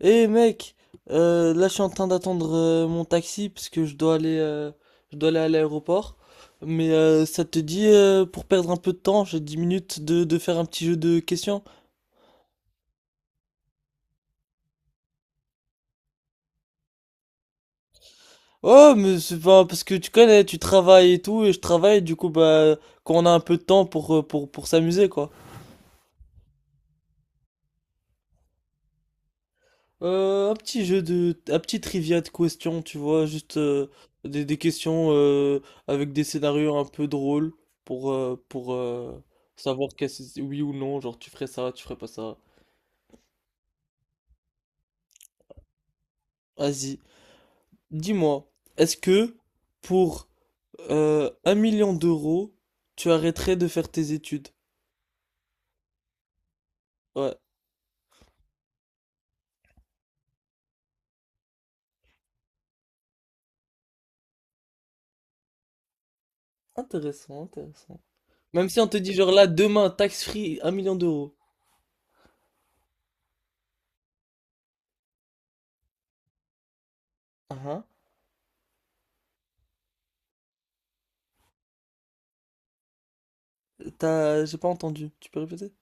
Eh hey mec, là je suis en train d'attendre mon taxi parce que je dois aller à l'aéroport. Mais ça te dit pour perdre un peu de temps, j'ai 10 minutes de faire un petit jeu de questions. Oh, mais c'est pas parce que tu connais, tu travailles et tout, et je travaille, du coup bah quand on a un peu de temps pour pour s'amuser quoi. Un petit jeu de, un petit trivia de questions, tu vois, juste des questions avec des scénarios un peu drôles pour savoir qu'est-ce, oui ou non, genre tu ferais ça, tu ferais pas ça. Vas-y, dis-moi, est-ce que pour 1 000 000 d'euros, tu arrêterais de faire tes études? Ouais, intéressant, intéressant. Même si on te dit genre là, demain, tax free, 1 000 000 d'euros. Ah ah. T'as, j'ai pas entendu, tu peux répéter?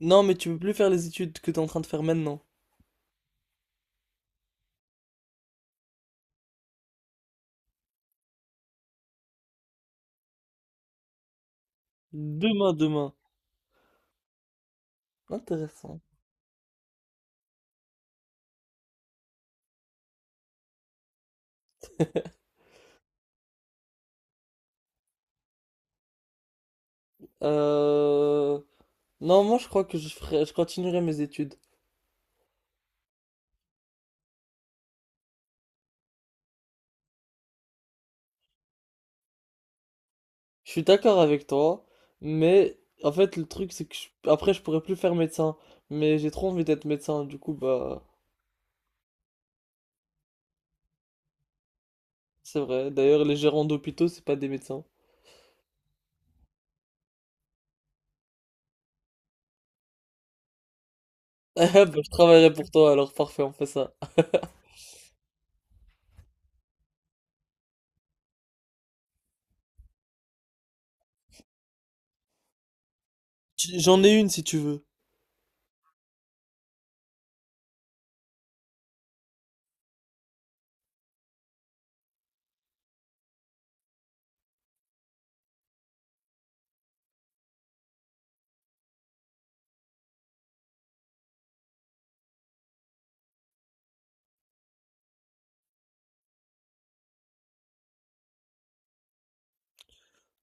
Non, mais tu peux plus faire les études que t'es en train de faire maintenant. Demain, demain. Intéressant. Euh... Non, moi je crois que je ferai... je continuerai mes études. Je suis d'accord avec toi, mais en fait le truc c'est que je- après je pourrais plus faire médecin, mais j'ai trop envie d'être médecin, du coup bah c'est vrai. D'ailleurs les gérants d'hôpitaux c'est pas des médecins. Ah, bah, je travaillerai pour toi alors parfait, on fait ça. J- J'en ai une si tu veux.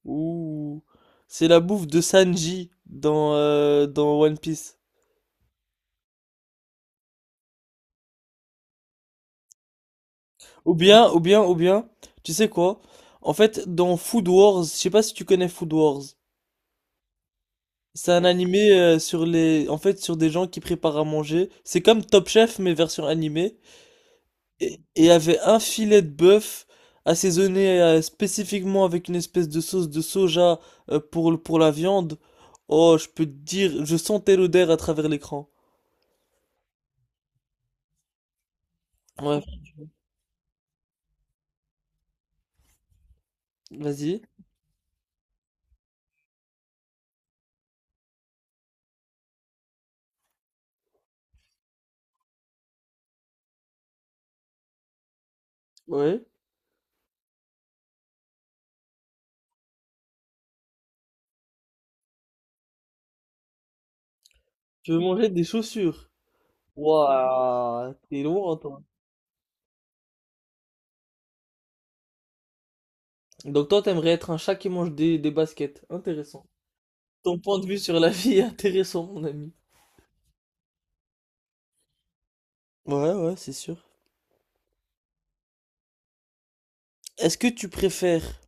Ouh, c'est la bouffe de Sanji dans dans One Piece. Ou bien, tu sais quoi? En fait, dans Food Wars, je sais pas si tu connais Food Wars. C'est un animé sur les, en fait, sur des gens qui préparent à manger. C'est comme Top Chef mais version animée. Et il y avait un filet de bœuf assaisonné spécifiquement avec une espèce de sauce de soja pour le- pour la viande. Oh, je peux te dire, je sentais l'odeur à travers l'écran. Ouais, vas-y. Ouais. Je veux manger des chaussures? Waouh, t'es loin. Donc toi, t'aimerais être un chat qui mange des baskets. Intéressant. Ton point de vue sur la vie est intéressant, mon ami. Ouais, ouais, c'est sûr. Est-ce que tu préfères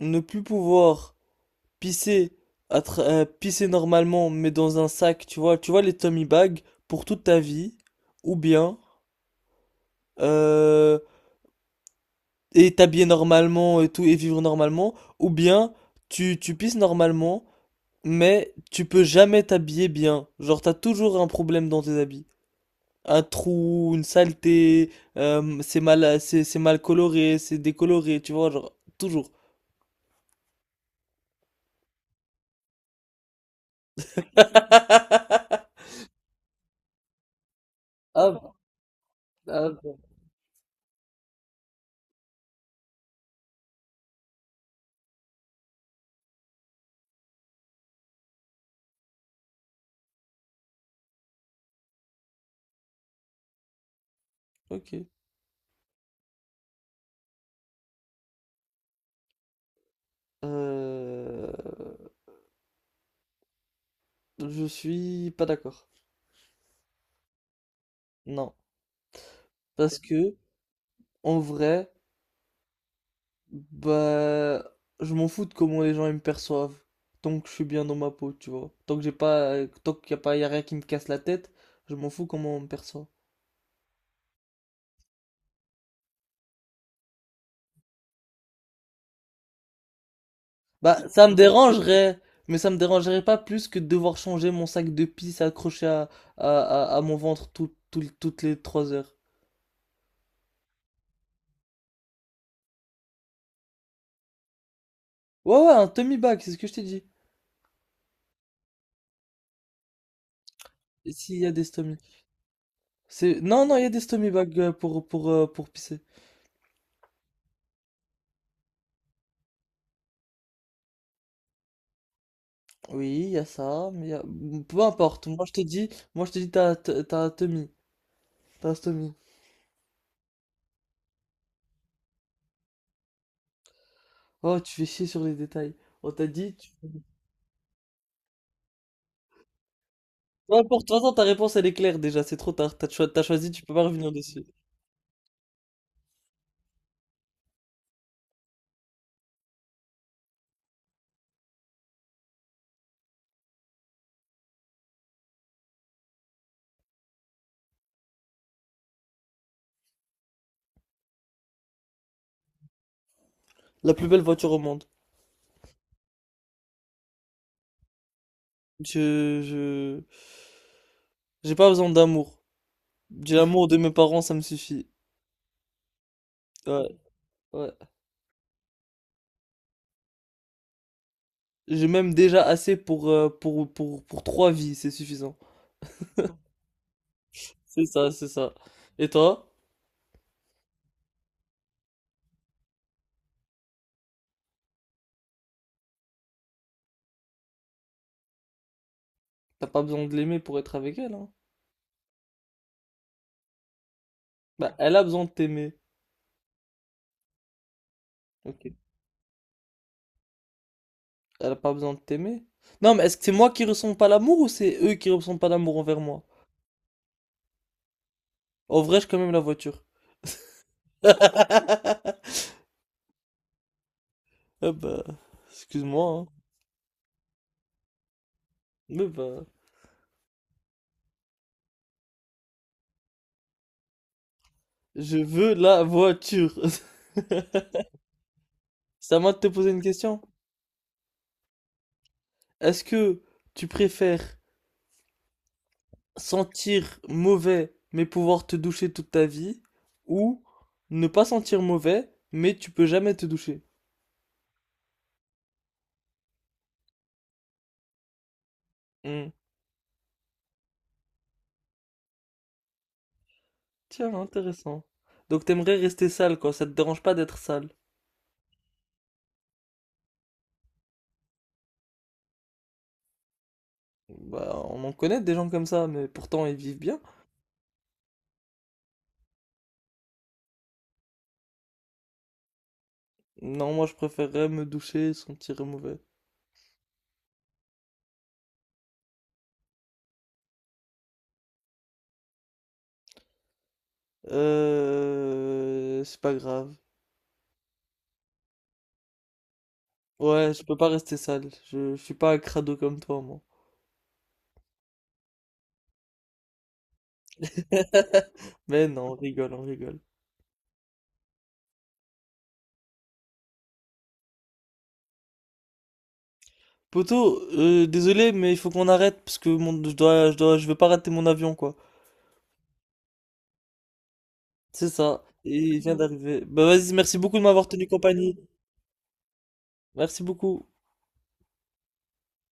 ne plus pouvoir pisser, pisser normalement, mais dans un sac, tu vois les tummy bags pour toute ta vie, ou bien euh, et t'habiller normalement et tout et vivre normalement, ou bien tu pisses normalement, mais tu peux jamais t'habiller bien, genre t'as toujours un problème dans tes habits. Un trou, une saleté, c'est mal, c'est mal coloré, c'est décoloré, tu vois, genre, toujours. Ah, bon, ah, bon. Ok. Euh, je suis pas d'accord. Non. Parce que, en vrai, bah, je m'en fous de comment les gens ils me perçoivent. Tant que je suis bien dans ma peau, tu vois. Tant que j'ai pas, tant qu'il y a pas, y a rien qui me casse la tête, je m'en fous comment on me perçoit. Bah, ça me dérangerait, mais ça me dérangerait pas plus que de devoir changer mon sac de pisse accroché à, à mon ventre toutes les 3 heures. Ouais, ouais, un tummy bag, c'est ce que je t'ai dit. S'il y a des stommy. C'est... Non, non, il y a des stommy bags pour pisser. Oui, il y a ça, mais il y a- Peu importe, moi je te dis, moi je te dis, t'as un tummy. T'as un stommy. Oh, tu fais chier sur les détails. On t'a dit... tu- Peu importe, de toute façon, ta réponse elle est claire déjà, c'est trop tard. T'as choisi, tu peux pas revenir dessus. La plus belle voiture au monde. Je, je, j'ai pas besoin d'amour. J'ai l'amour de mes parents, ça me suffit. Ouais, ouais. J'ai même déjà assez pour, pour 3 vies, c'est suffisant. C'est ça, c'est ça. Et toi, t'as pas besoin de l'aimer pour être avec elle, hein? Bah, elle a besoin de t'aimer. Ok. Elle a pas besoin de t'aimer. Non, mais est-ce que c'est moi qui ressens pas l'amour ou c'est eux qui ressentent pas l'amour envers moi? En vrai, j'ai quand même la voiture. Ah bah, excuse-moi, hein. Mais bah, je veux la voiture. C'est à moi de te poser une question. Est-ce que tu préfères sentir mauvais mais pouvoir te doucher toute ta vie ou ne pas sentir mauvais mais tu peux jamais te doucher? Hmm. Tiens, intéressant. Donc t'aimerais rester sale quoi, ça te dérange pas d'être sale. Bah on en connaît des gens comme ça mais pourtant ils vivent bien. Non, moi je préférerais me doucher et sentir mauvais. C'est pas grave. Ouais, je peux pas rester sale. Je suis pas un crado comme toi, moi. Mais non, on rigole, on rigole. Poto, désolé, mais il faut qu'on arrête parce que mon, je dois, je veux pas rater mon avion, quoi. C'est ça. Et il vient d'arriver. Bah vas-y, merci beaucoup de m'avoir tenu compagnie. Merci beaucoup.